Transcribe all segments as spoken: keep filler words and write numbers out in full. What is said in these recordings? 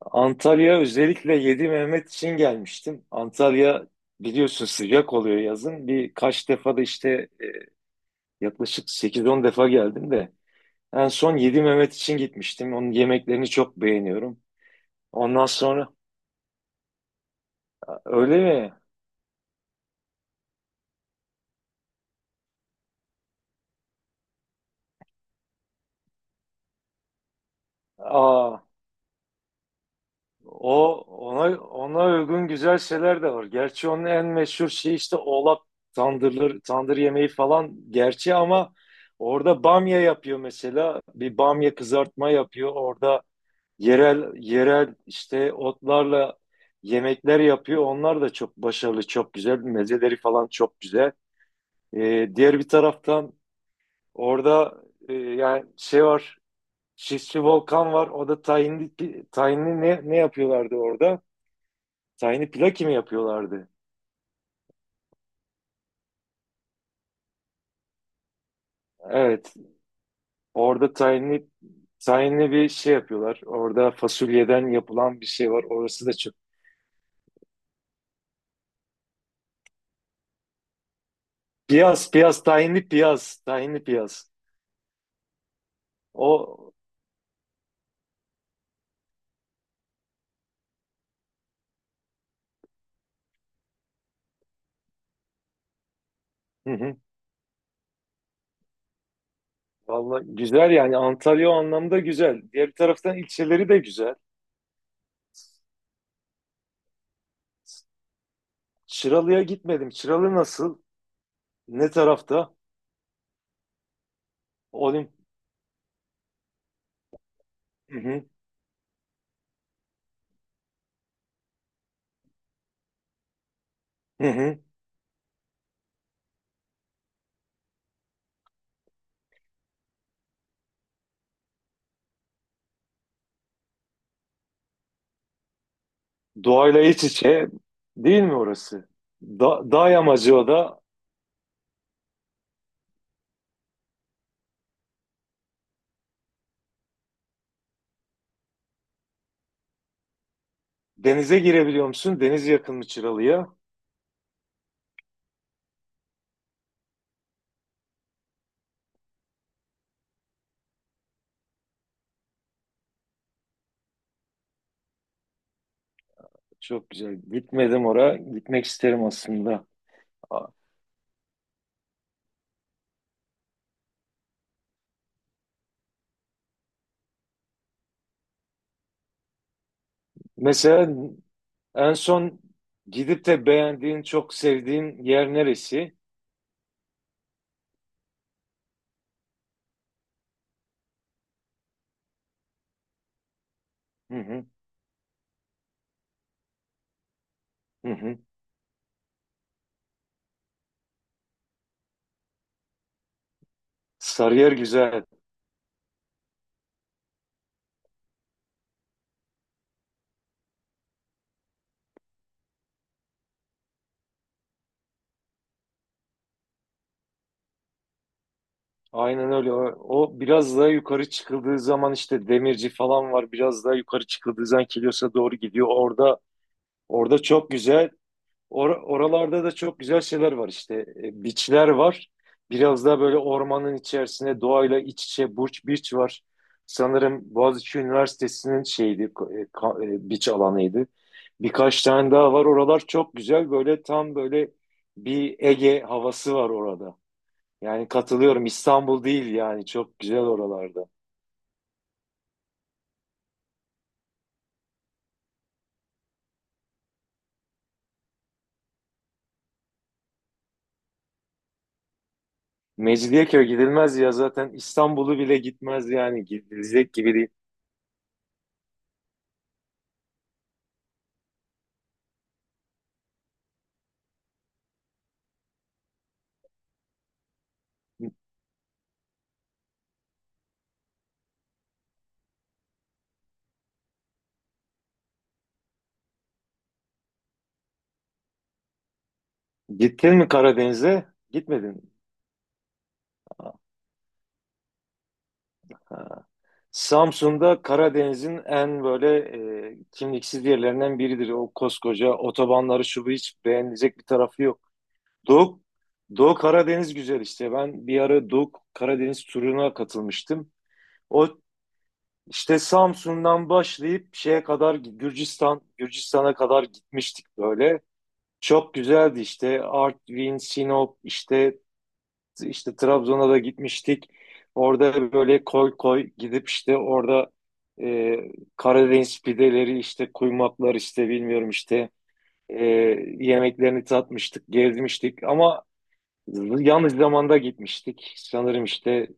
Antalya özellikle Yedi Mehmet için gelmiştim. Antalya biliyorsun sıcak oluyor yazın. Birkaç defa da işte e, yaklaşık sekiz on defa geldim de en son Yedi Mehmet için gitmiştim. Onun yemeklerini çok beğeniyorum. Ondan sonra öyle mi? Aa, o ona ona uygun güzel şeyler de var. Gerçi onun en meşhur şey işte oğlak tandırları, tandır yemeği falan gerçi ama orada bamya yapıyor mesela. Bir bamya kızartma yapıyor. Orada Yerel yerel işte otlarla yemekler yapıyor. Onlar da çok başarılı, çok güzel. Mezeleri falan çok güzel. Ee, diğer bir taraftan orada e, yani şey var. Şişli Volkan var. O da tahinli, pi- tahinli ne, ne yapıyorlardı orada? Tahinli pilaki mi yapıyorlardı? Evet. Orada tahinli tahinli bir şey yapıyorlar. Orada fasulyeden yapılan bir şey var. Orası da çok. Piyaz, piyaz, tahinli piyaz, tahinli piyaz. O. Vallahi güzel yani Antalya o anlamda güzel. Diğer taraftan ilçeleri de güzel. Çıralı'ya gitmedim. Çıralı nasıl? Ne tarafta? Olim. Hı hı. Hı hı. Doğayla iç içe değil mi orası? Da dağ yamacı o da. Denize girebiliyor musun? Deniz yakın mı Çıralı'ya? Çok güzel. Gitmedim oraya. Gitmek isterim aslında. Aa, mesela en son gidip de beğendiğin, çok sevdiğin yer neresi? Hı hı. Hı hı. Sarıyer güzel. Aynen öyle. O, o biraz daha yukarı çıkıldığı zaman işte demirci falan var. Biraz daha yukarı çıkıldığı zaman Kilyos'a doğru gidiyor. Orada orada çok güzel. or- oralarda da çok güzel şeyler var işte. E, biçler var. Biraz daha böyle ormanın içerisine doğayla iç içe Burç Biç var. Sanırım Boğaziçi Üniversitesi'nin şeydi, e, ka- e, biç alanıydı. Birkaç tane daha var. Oralar çok güzel. Böyle tam böyle bir Ege havası var orada. Yani katılıyorum İstanbul değil yani çok güzel oralarda. Mecidiyeköy gidilmez ya zaten İstanbul'u bile gitmez yani gidilecek gibi değil. Gittin mi Karadeniz'e? Gitmedin. Ha. Samsun'da Karadeniz'in en böyle e, kimliksiz yerlerinden biridir. O koskoca otobanları şu bu hiç beğenilecek bir tarafı yok. Doğu, Doğu Karadeniz güzel işte. Ben bir ara Doğu Karadeniz turuna katılmıştım. O İşte Samsun'dan başlayıp şeye kadar Gürcistan, Gürcistan'a kadar gitmiştik böyle. Çok güzeldi işte Artvin, Sinop, işte işte Trabzon'a da gitmiştik. Orada böyle koy koy gidip işte orada e, Karadeniz pideleri işte kuymaklar işte bilmiyorum işte e, yemeklerini tatmıştık, gezmiştik ama yanlış zamanda gitmiştik. Sanırım işte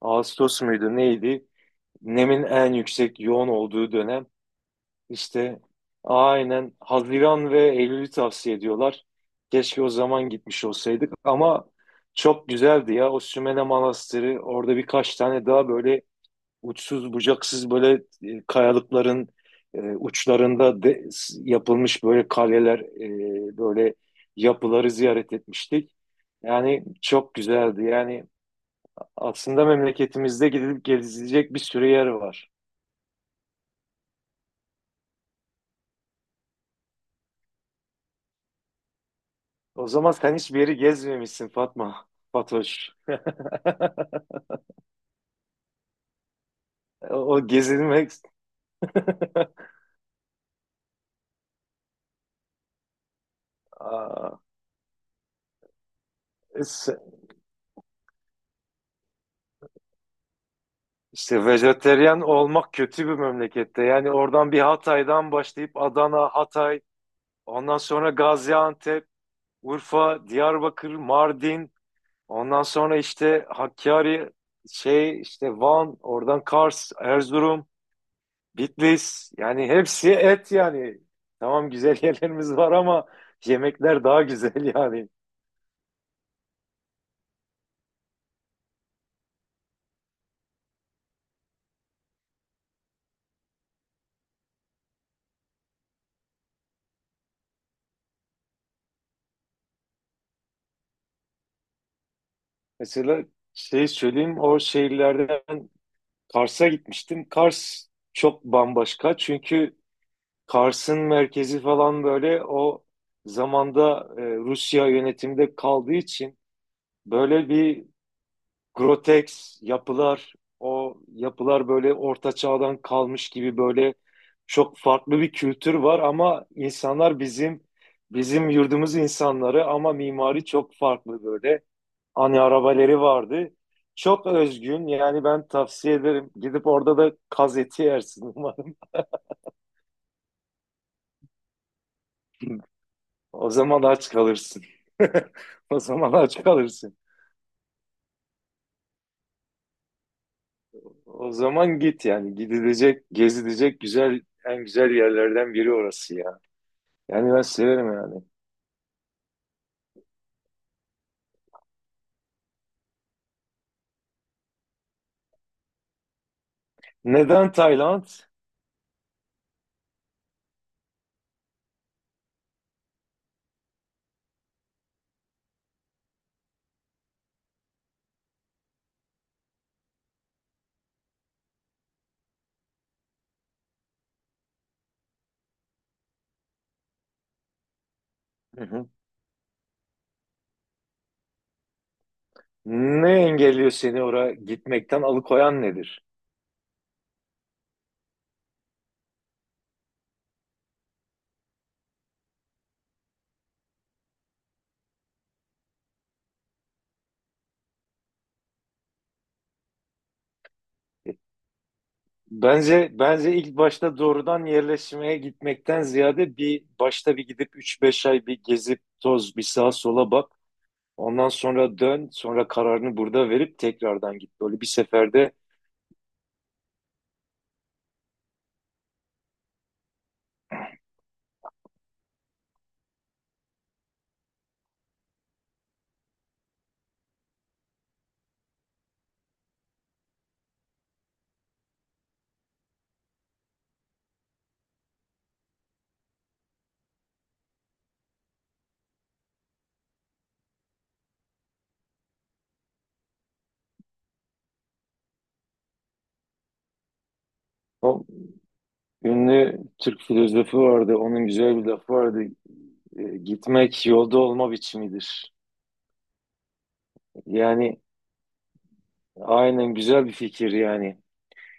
Ağustos muydu neydi? Nemin en yüksek yoğun olduğu dönem. İşte aynen Haziran ve Eylül'ü tavsiye ediyorlar. Keşke o zaman gitmiş olsaydık ama çok güzeldi ya o Sümele Manastırı orada birkaç tane daha böyle uçsuz bucaksız böyle e, kayalıkların e, uçlarında de, s- yapılmış böyle kaleler e, böyle yapıları ziyaret etmiştik. Yani çok güzeldi yani aslında memleketimizde gidilip gezilecek bir sürü yer var. O zaman sen hiçbir yeri gezmemişsin Fatma. Fatoş. O o gezilmek... Aa, is- işte vejeteryan olmak kötü bir memlekette. Yani oradan bir Hatay'dan başlayıp Adana, Hatay, ondan sonra Gaziantep, Urfa, Diyarbakır, Mardin, ondan sonra işte Hakkari, şey işte Van, oradan Kars, Erzurum. Bitlis yani hepsi et yani. Tamam güzel yerlerimiz var ama yemekler daha güzel yani. Mesela şey söyleyeyim o şehirlerden Kars'a gitmiştim. Kars çok bambaşka çünkü Kars'ın merkezi falan böyle o zamanda e, Rusya yönetimde kaldığı için böyle bir Grotex yapılar, o yapılar böyle orta çağdan kalmış gibi böyle çok farklı bir kültür var ama insanlar bizim bizim yurdumuz insanları ama mimari çok farklı böyle. Hani arabaları vardı. Çok özgün yani ben tavsiye ederim. Gidip orada da kaz eti yersin umarım. O zaman aç kalırsın. O zaman aç kalırsın. O zaman git yani gidilecek, gezilecek güzel en güzel yerlerden biri orası ya. Yani ben severim yani. Neden Tayland? Hı hı. Ne engelliyor seni oraya gitmekten alıkoyan nedir? Bence bence ilk başta doğrudan yerleşmeye gitmekten ziyade bir başta bir gidip üç beş ay bir gezip toz bir sağa sola bak. Ondan sonra dön, sonra kararını burada verip tekrardan git. Böyle bir seferde o ünlü Türk filozofu vardı. Onun güzel bir lafı vardı. E, gitmek yolda olma biçimidir. Yani aynen güzel bir fikir yani.